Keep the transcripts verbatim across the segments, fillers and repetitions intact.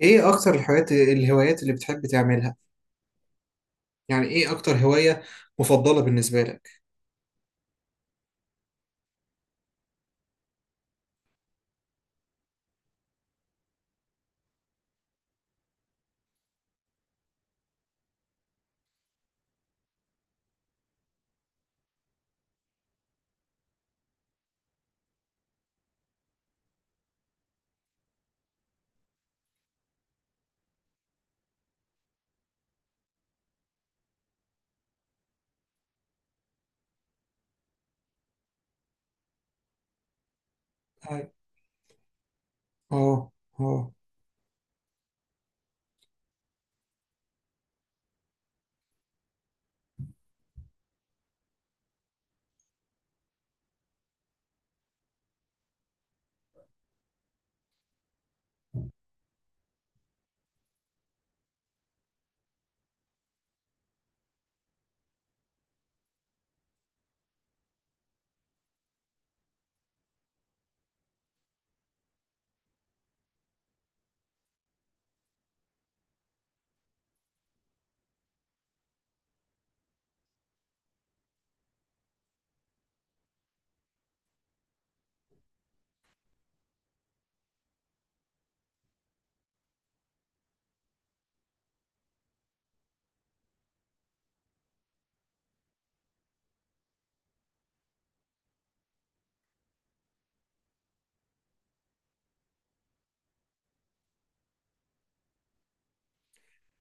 ايه اكتر الحاجات الهوايات اللي بتحب تعملها؟ يعني ايه اكتر هواية مفضلة بالنسبة لك؟ أي. اه. اه.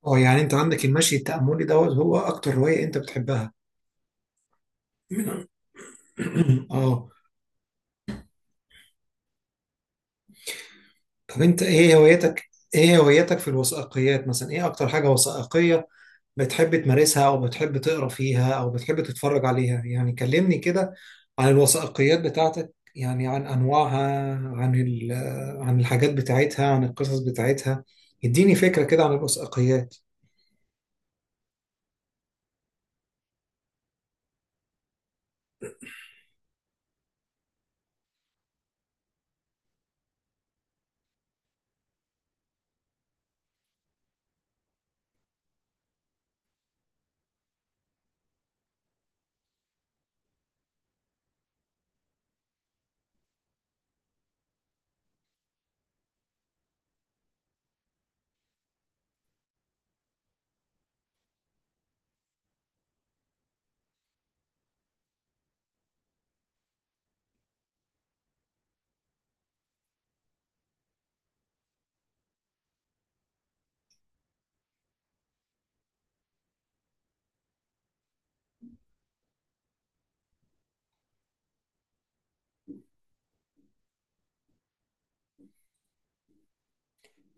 اه، يعني انت عندك المشي التأملي دوت هو اكتر هواية انت بتحبها؟ من- اه. طب انت ايه هوايتك؟ ايه هوايتك في الوثائقيات مثلا؟ ايه اكتر حاجة وثائقية بتحب تمارسها، او بتحب تقرا فيها، او بتحب تتفرج عليها؟ يعني كلمني كده عن الوثائقيات بتاعتك، يعني عن انواعها، عن ال- عن الحاجات بتاعتها، عن القصص بتاعتها. اديني فكرة كده عن الوثائقيات.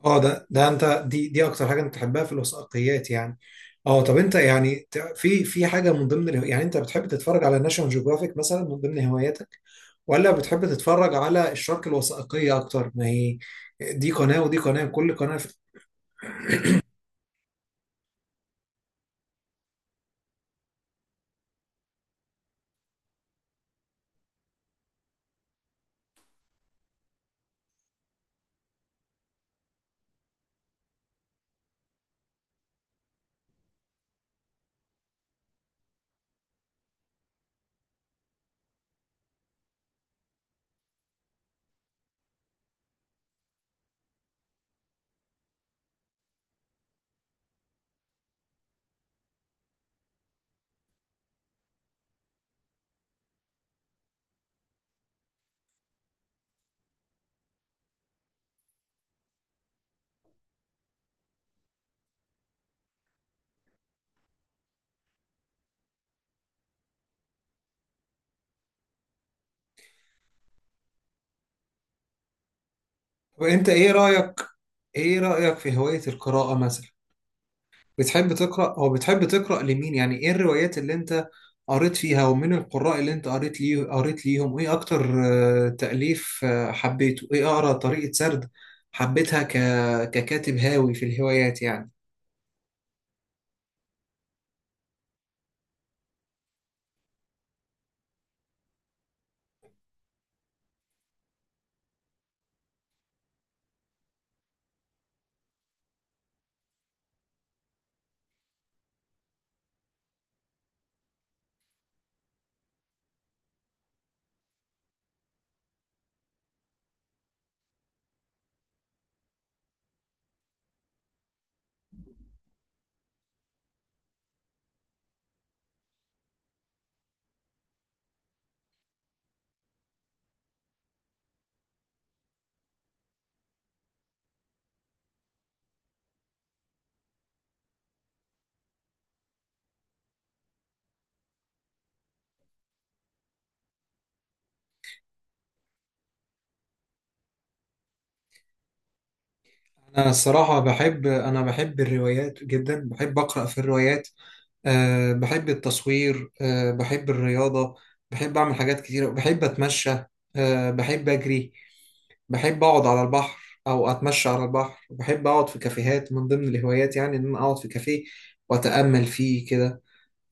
اه، ده ده انت دي دي اكتر حاجة انت بتحبها في الوثائقيات يعني. اه، طب انت يعني ت- في في حاجة من ضمن الهو... يعني انت بتحب تتفرج على ناشونال جيوغرافيك مثلا من ضمن هواياتك، ولا بتحب تتفرج على الشارك الوثائقية اكتر؟ ما هي دي قناة ودي قناة، كل قناة. طب انت ايه رأيك؟ ايه رأيك في هواية القراءة مثلا؟ بتحب تقرأ، او بتحب تقرأ لمين؟ يعني ايه الروايات اللي انت قريت فيها، ومن القراء اللي انت قريت ليه، قريت ليهم ايه اكتر؟ آه، تأليف آه، حبيته، ايه اقرأ طريقة سرد حبيتها ك... ككاتب هاوي في الهوايات يعني. انا الصراحة بحب، انا بحب الروايات جدا، بحب أقرأ في الروايات. أه، بحب التصوير. أه، بحب الرياضة. بحب اعمل حاجات كتيرة، بحب اتمشى. أه، بحب اجري. بحب اقعد على البحر او اتمشى على البحر. بحب اقعد في كافيهات، من ضمن الهوايات يعني ان انا اقعد في كافيه واتامل فيه كده.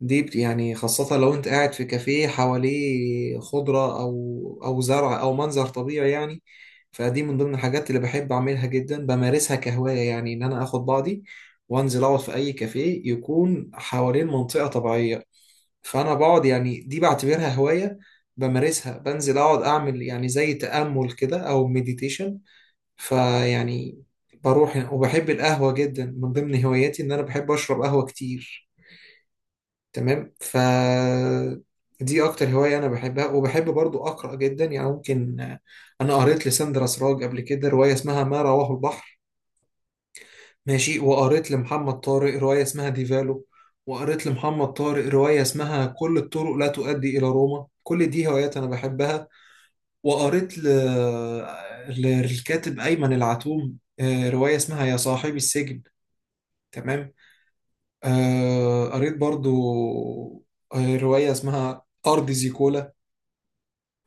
دي بت- يعني خاصة لو انت قاعد في كافيه حواليه خضرة، او او زرع او منظر طبيعي يعني. فدي من ضمن الحاجات اللي بحب اعملها جدا، بمارسها كهواية يعني، ان انا اخد بعضي وانزل اقعد في اي كافيه يكون حوالين منطقة طبيعية. فانا بقعد، يعني دي بعتبرها هواية بمارسها، بنزل اقعد اعمل يعني زي تأمل كده او مديتيشن. فيعني بروح، وبحب القهوة جدا، من ضمن هواياتي إن أنا بحب أشرب قهوة كتير. تمام. ف دي أكتر هواية أنا بحبها. وبحب برضو أقرأ جدا، يعني ممكن، أنا قريت لساندرا سراج قبل كده رواية اسمها ما رواه البحر. ماشي. وقريت لمحمد طارق رواية اسمها ديفالو، وقريت لمحمد طارق رواية اسمها كل الطرق لا تؤدي إلى روما. كل دي هوايات أنا بحبها. وقريت ل... للكاتب أيمن العتوم آه، رواية اسمها يا صاحبي السجن. تمام. آه، قريت برضو آه، رواية اسمها أرض زيكولا.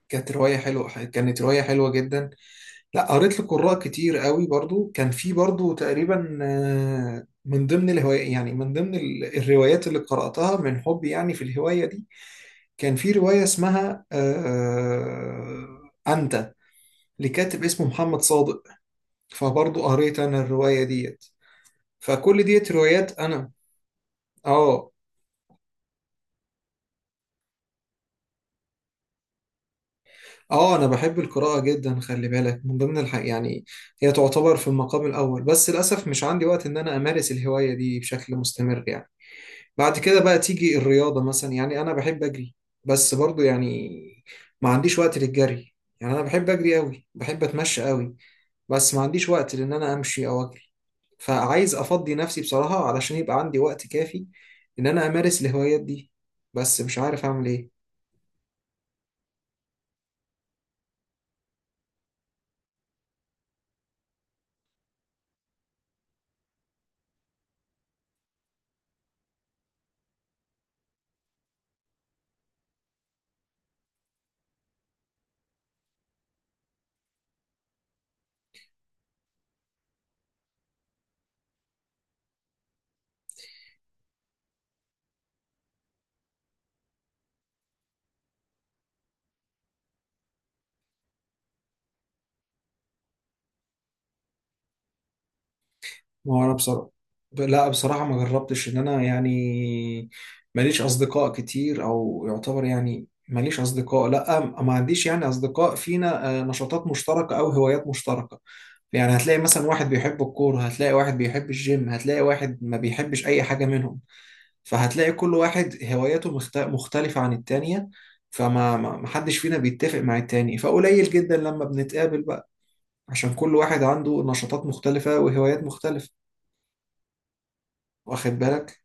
كانت رواية حلوة، كانت رواية حلوة جدا. لا، قريت لقراء كتير قوي برضو. كان في برضو تقريبا، آه، من ضمن الهواية يعني، من ضمن ال- الروايات اللي قرأتها من حبي يعني في الهواية دي، كان في رواية اسمها آه، آه، أنت، لكاتب اسمه محمد صادق. فبرضه قريت انا الرواية ديت، فكل ديت روايات انا. اه. اه، انا بحب القراءة جدا، خلي بالك، من ضمن الح... يعني هي تعتبر في المقام الاول. بس للاسف مش عندي وقت ان انا امارس الهواية دي بشكل مستمر يعني. بعد كده بقى تيجي الرياضة مثلا، يعني انا بحب اجري. بس برضه يعني ما عنديش وقت للجري. يعني انا بحب اجري قوي، بحب اتمشى قوي، بس ما عنديش وقت لان انا امشي او اجري. فعايز افضي نفسي بصراحة، علشان يبقى عندي وقت كافي ان انا امارس الهوايات دي. بس مش عارف اعمل ايه. ما هو انا بصراحة ب- لا، بصراحة ما جربتش ان انا يعني ماليش اصدقاء كتير، او يعتبر يعني ماليش اصدقاء. لا، ما عنديش يعني اصدقاء فينا آه، نشاطات مشتركة او هوايات مشتركة. يعني هتلاقي مثلا واحد بيحب الكورة، هتلاقي واحد بيحب الجيم، هتلاقي واحد ما بيحبش اي حاجة منهم. فهتلاقي كل واحد هواياته مخت- مختلفة عن التانية. فما ما ما حدش فينا بيتفق مع التاني، فقليل جدا لما بنتقابل بقى، عشان كل واحد عنده نشاطات مختلفة وهوايات مختلفة. واخد بالك؟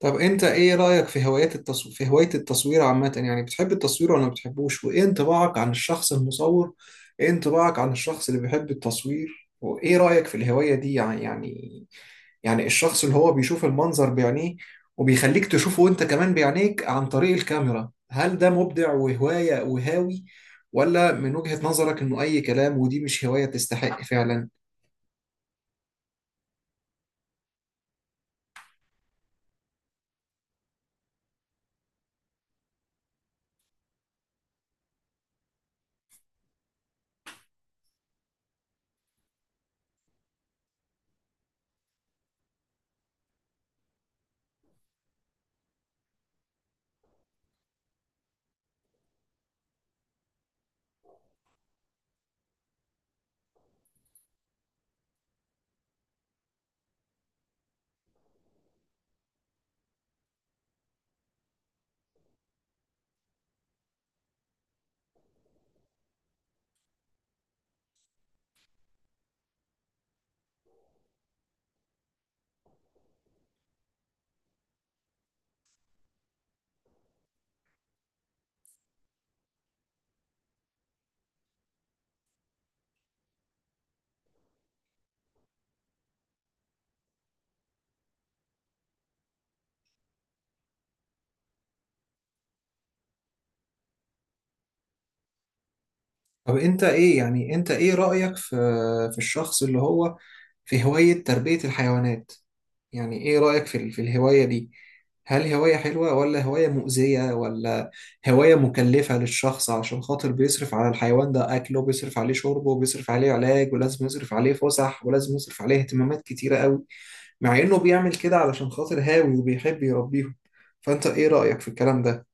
طب انت ايه رأيك في هوايات التصوير، في هواية التصوير عامة؟ يعني بتحب التصوير ولا ما بتحبوش؟ وايه انطباعك عن الشخص المصور؟ ايه انطباعك عن الشخص اللي بيحب التصوير، وايه رأيك في الهواية دي يعني؟ يعني يعني الشخص اللي هو بيشوف المنظر بعينيه وبيخليك تشوفه وانت كمان بعينيك عن طريق الكاميرا، هل ده مبدع وهواية وهاوي، ولا من وجهة نظرك انه اي كلام ودي مش هواية تستحق فعلا؟ طب انت ايه، يعني انت ايه رأيك في في الشخص اللي هو في هواية تربية الحيوانات؟ يعني ايه رأيك في ال- في الهواية دي؟ هل هواية حلوة، ولا هواية مؤذية، ولا هواية مكلفة للشخص عشان خاطر بيصرف على الحيوان ده أكله، بيصرف عليه شربه، بيصرف عليه علاج، ولازم يصرف عليه فسح، ولازم يصرف عليه اهتمامات كتيرة قوي، مع إنه بيعمل كده علشان خاطر هاوي وبيحب يربيهم؟ فأنت إيه رأيك في الكلام ده؟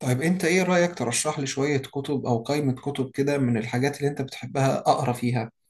طيب أنت إيه رأيك ترشح لي شوية كتب أو قائمة كتب كده من الحاجات اللي أنت بتحبها أقرأ فيها؟